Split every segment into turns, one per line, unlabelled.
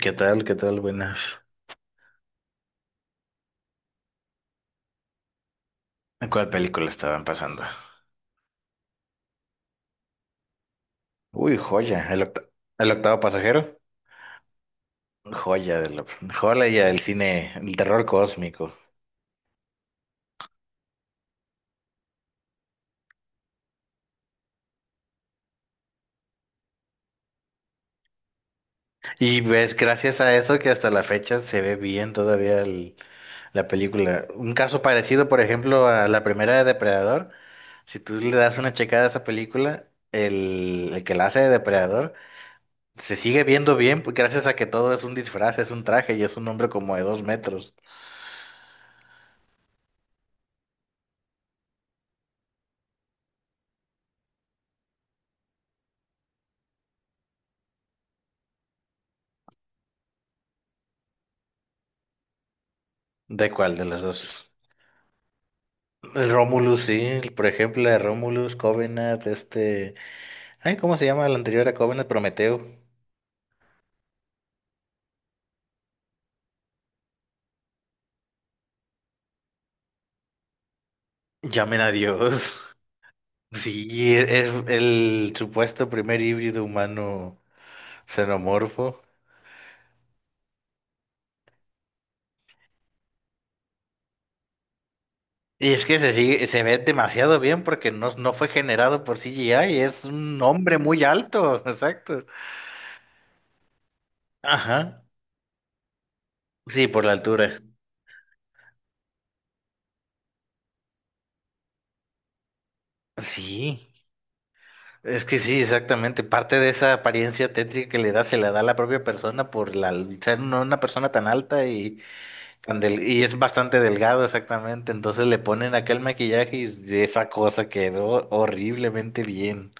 ¿Qué tal? ¿Qué tal? Buenas. ¿Cuál película estaban pasando? Uy, joya. El octavo pasajero. Joya del, Joya del cine, el terror cósmico. Y ves, gracias a eso que hasta la fecha se ve bien todavía la película. Un caso parecido, por ejemplo, a la primera de Depredador. Si tú le das una checada a esa película, el que la hace de Depredador se sigue viendo bien pues, gracias a que todo es un disfraz, es un traje y es un hombre como de dos metros. ¿De cuál de los dos? Romulus, sí, por ejemplo, la de Romulus, Covenant, este. Ay, ¿cómo se llama la anterior a Covenant? Prometeo. Llamen a Dios. Sí, es el supuesto primer híbrido humano xenomorfo. Y es que se sigue, se ve demasiado bien porque no fue generado por CGI, es un hombre muy alto, exacto. Ajá. Sí, por la altura. Sí. Es que sí, exactamente. Parte de esa apariencia tétrica que le da, se la da a la propia persona por la, ser una persona tan alta y, y es bastante delgado, exactamente. Entonces le ponen aquel maquillaje y esa cosa quedó horriblemente bien.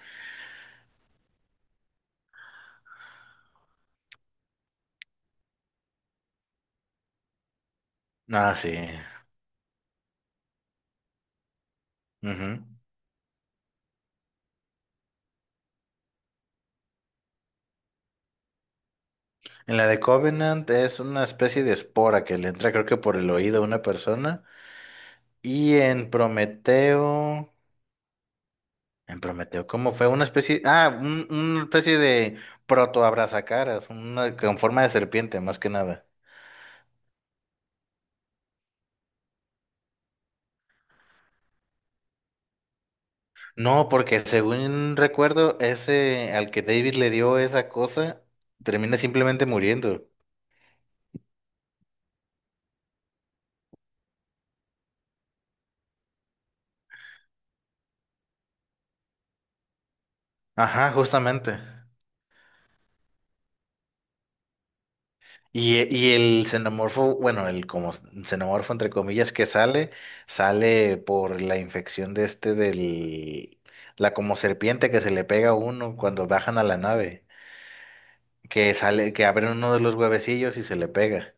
Ah, sí. Ujú. En la de Covenant es una especie de espora que le entra, creo que por el oído a una persona. Y en Prometeo. En Prometeo, ¿cómo fue? Una especie, ah, una especie de protoabrazacaras, una con forma de serpiente, más que nada. No, porque según recuerdo, ese al que David le dio esa cosa, termina simplemente muriendo. Ajá, justamente. Y el xenomorfo, bueno, el como xenomorfo entre comillas que sale, sale por la infección de este del, la como serpiente que se le pega a uno cuando bajan a la nave, que sale, que abre uno de los huevecillos y se le pega.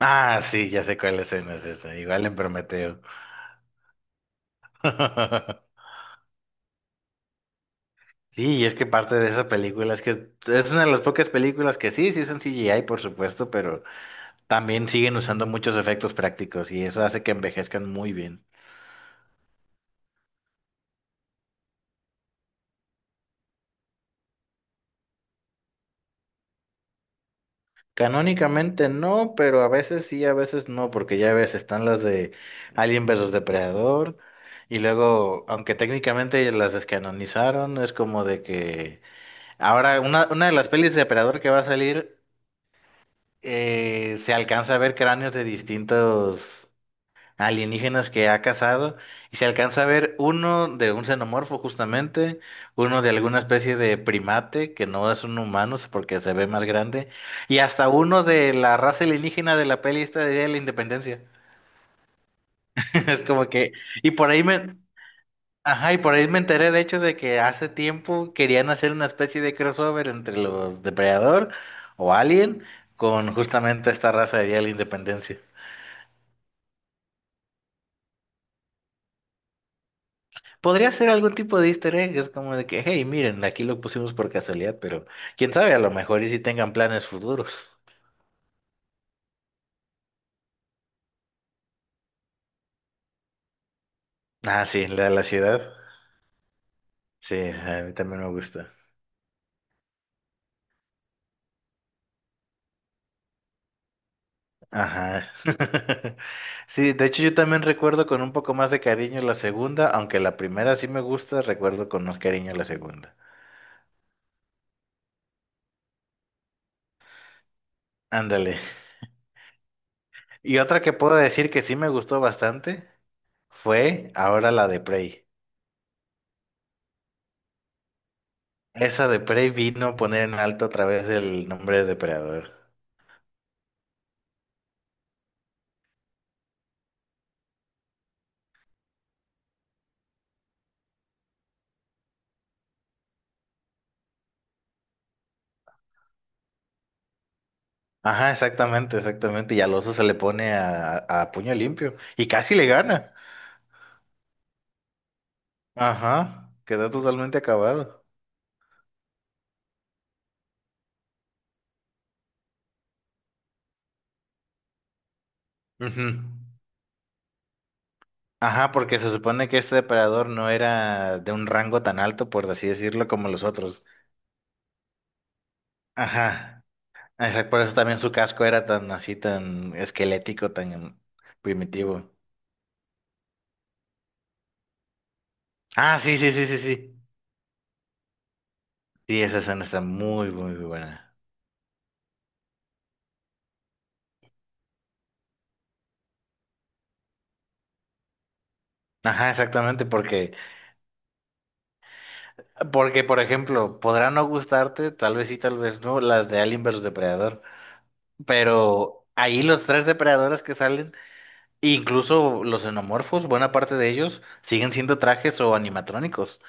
Ah, sí, ya sé cuál escena es esa, igual en Prometeo. Sí, y es que parte de esa película es que es una de las pocas películas que sí usan CGI, por supuesto, pero también siguen usando muchos efectos prácticos y eso hace que envejezcan muy bien. Canónicamente no, pero a veces sí, a veces no, porque ya ves, están las de Alien versus Depredador y luego, aunque técnicamente las descanonizaron, es como de que ahora, una de las pelis de Depredador que va a salir, se alcanza a ver cráneos de distintos alienígenas que ha cazado y se alcanza a ver uno de un xenomorfo justamente, uno de alguna especie de primate que no es un humano porque se ve más grande y hasta uno de la raza alienígena de la peli esta de Día de la Independencia. Es como que y por ahí me, ajá, y por ahí me enteré de hecho de que hace tiempo querían hacer una especie de crossover entre los Depredador o Alien con justamente esta raza de Día de la Independencia. Podría ser algún tipo de easter egg, es como de que, hey, miren, aquí lo pusimos por casualidad, pero quién sabe, a lo mejor y si tengan planes futuros. Ah, sí, la de la ciudad. Sí, a mí también me gusta. Ajá. Sí, de hecho yo también recuerdo con un poco más de cariño la segunda, aunque la primera sí me gusta, recuerdo con más cariño la segunda. Ándale. Y otra que puedo decir que sí me gustó bastante fue ahora la de Prey. Esa de Prey vino a poner en alto otra vez el nombre de Depredador. Ajá, exactamente, exactamente. Y al oso se le pone a puño limpio. Y casi le gana. Ajá, quedó totalmente acabado. Ujú. Ajá, porque se supone que este depredador no era de un rango tan alto, por así decirlo, como los otros. Ajá. Ah, exacto, por eso también su casco era tan así, tan esquelético, tan primitivo. Ah, sí, sí, sí, sí, sí. Sí, esa escena está muy, muy buena. Ajá, exactamente, porque, por ejemplo, podrá no gustarte, tal vez sí, tal vez no, las de Alien versus Depredador, pero ahí los tres depredadores que salen, incluso los xenomorfos, buena parte de ellos, siguen siendo trajes o animatrónicos.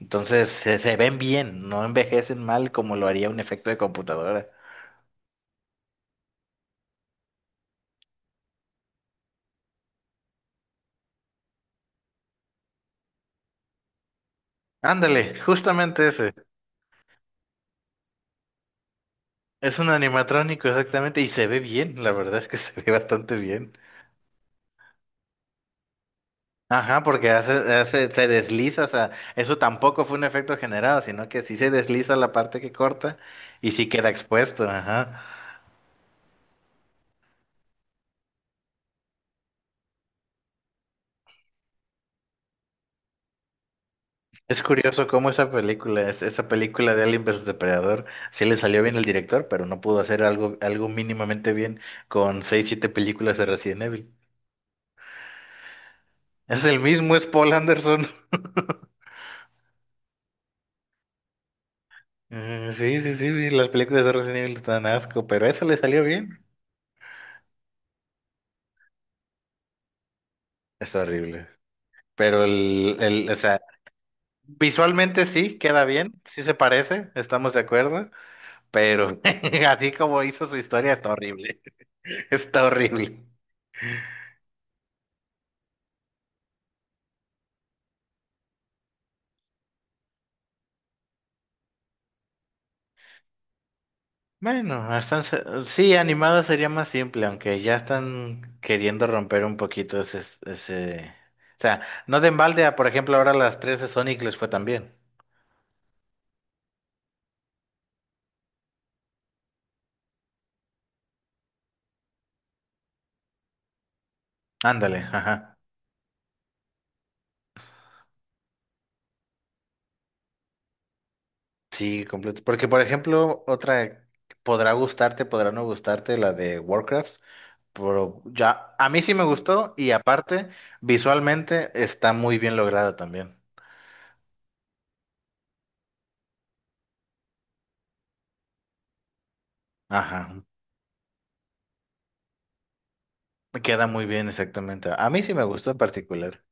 Entonces, se ven bien, no envejecen mal como lo haría un efecto de computadora. Ándale, justamente ese. Es un animatrónico, exactamente, y se ve bien, la verdad es que se ve bastante bien. Ajá, porque hace, se desliza, o sea, eso tampoco fue un efecto generado, sino que sí se desliza la parte que corta y sí queda expuesto, ajá. Es curioso cómo esa película, esa película de Alien vs Depredador, sí le salió bien el director, pero no pudo hacer algo, algo mínimamente bien con seis, siete películas de Resident Evil. Es el mismo, es Paul Anderson. Mm, sí, sí, sí, sí, las películas de Resident Evil dan asco, pero eso le salió bien. Está horrible. Pero o sea, visualmente sí, queda bien, sí se parece, estamos de acuerdo, pero así como hizo su historia, está horrible. Está horrible. Bueno, hasta, sí, animada sería más simple, aunque ya están queriendo romper un poquito ese... O sea, no de embalde, a, por ejemplo, ahora las tres de Sonic les fue tan bien. Ándale, ajá. Sí, completo. Porque, por ejemplo, otra podrá gustarte, podrá no gustarte, la de Warcraft, pero ya a mí sí me gustó y aparte, visualmente está muy bien lograda también. Ajá, queda muy bien exactamente. A mí sí me gustó en particular.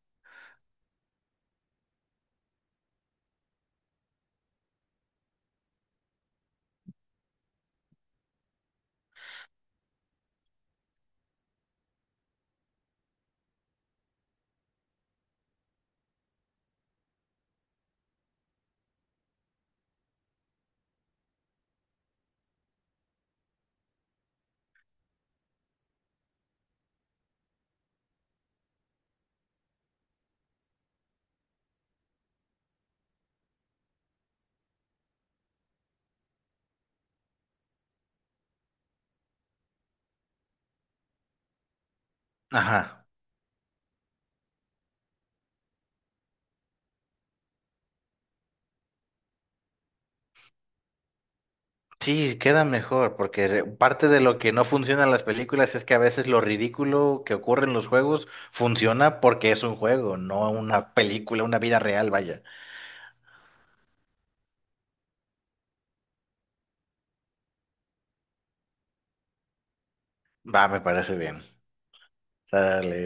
Ajá. Sí, queda mejor, porque parte de lo que no funciona en las películas es que a veces lo ridículo que ocurre en los juegos funciona porque es un juego, no una película, una vida real, vaya. Va, me parece bien. Dale.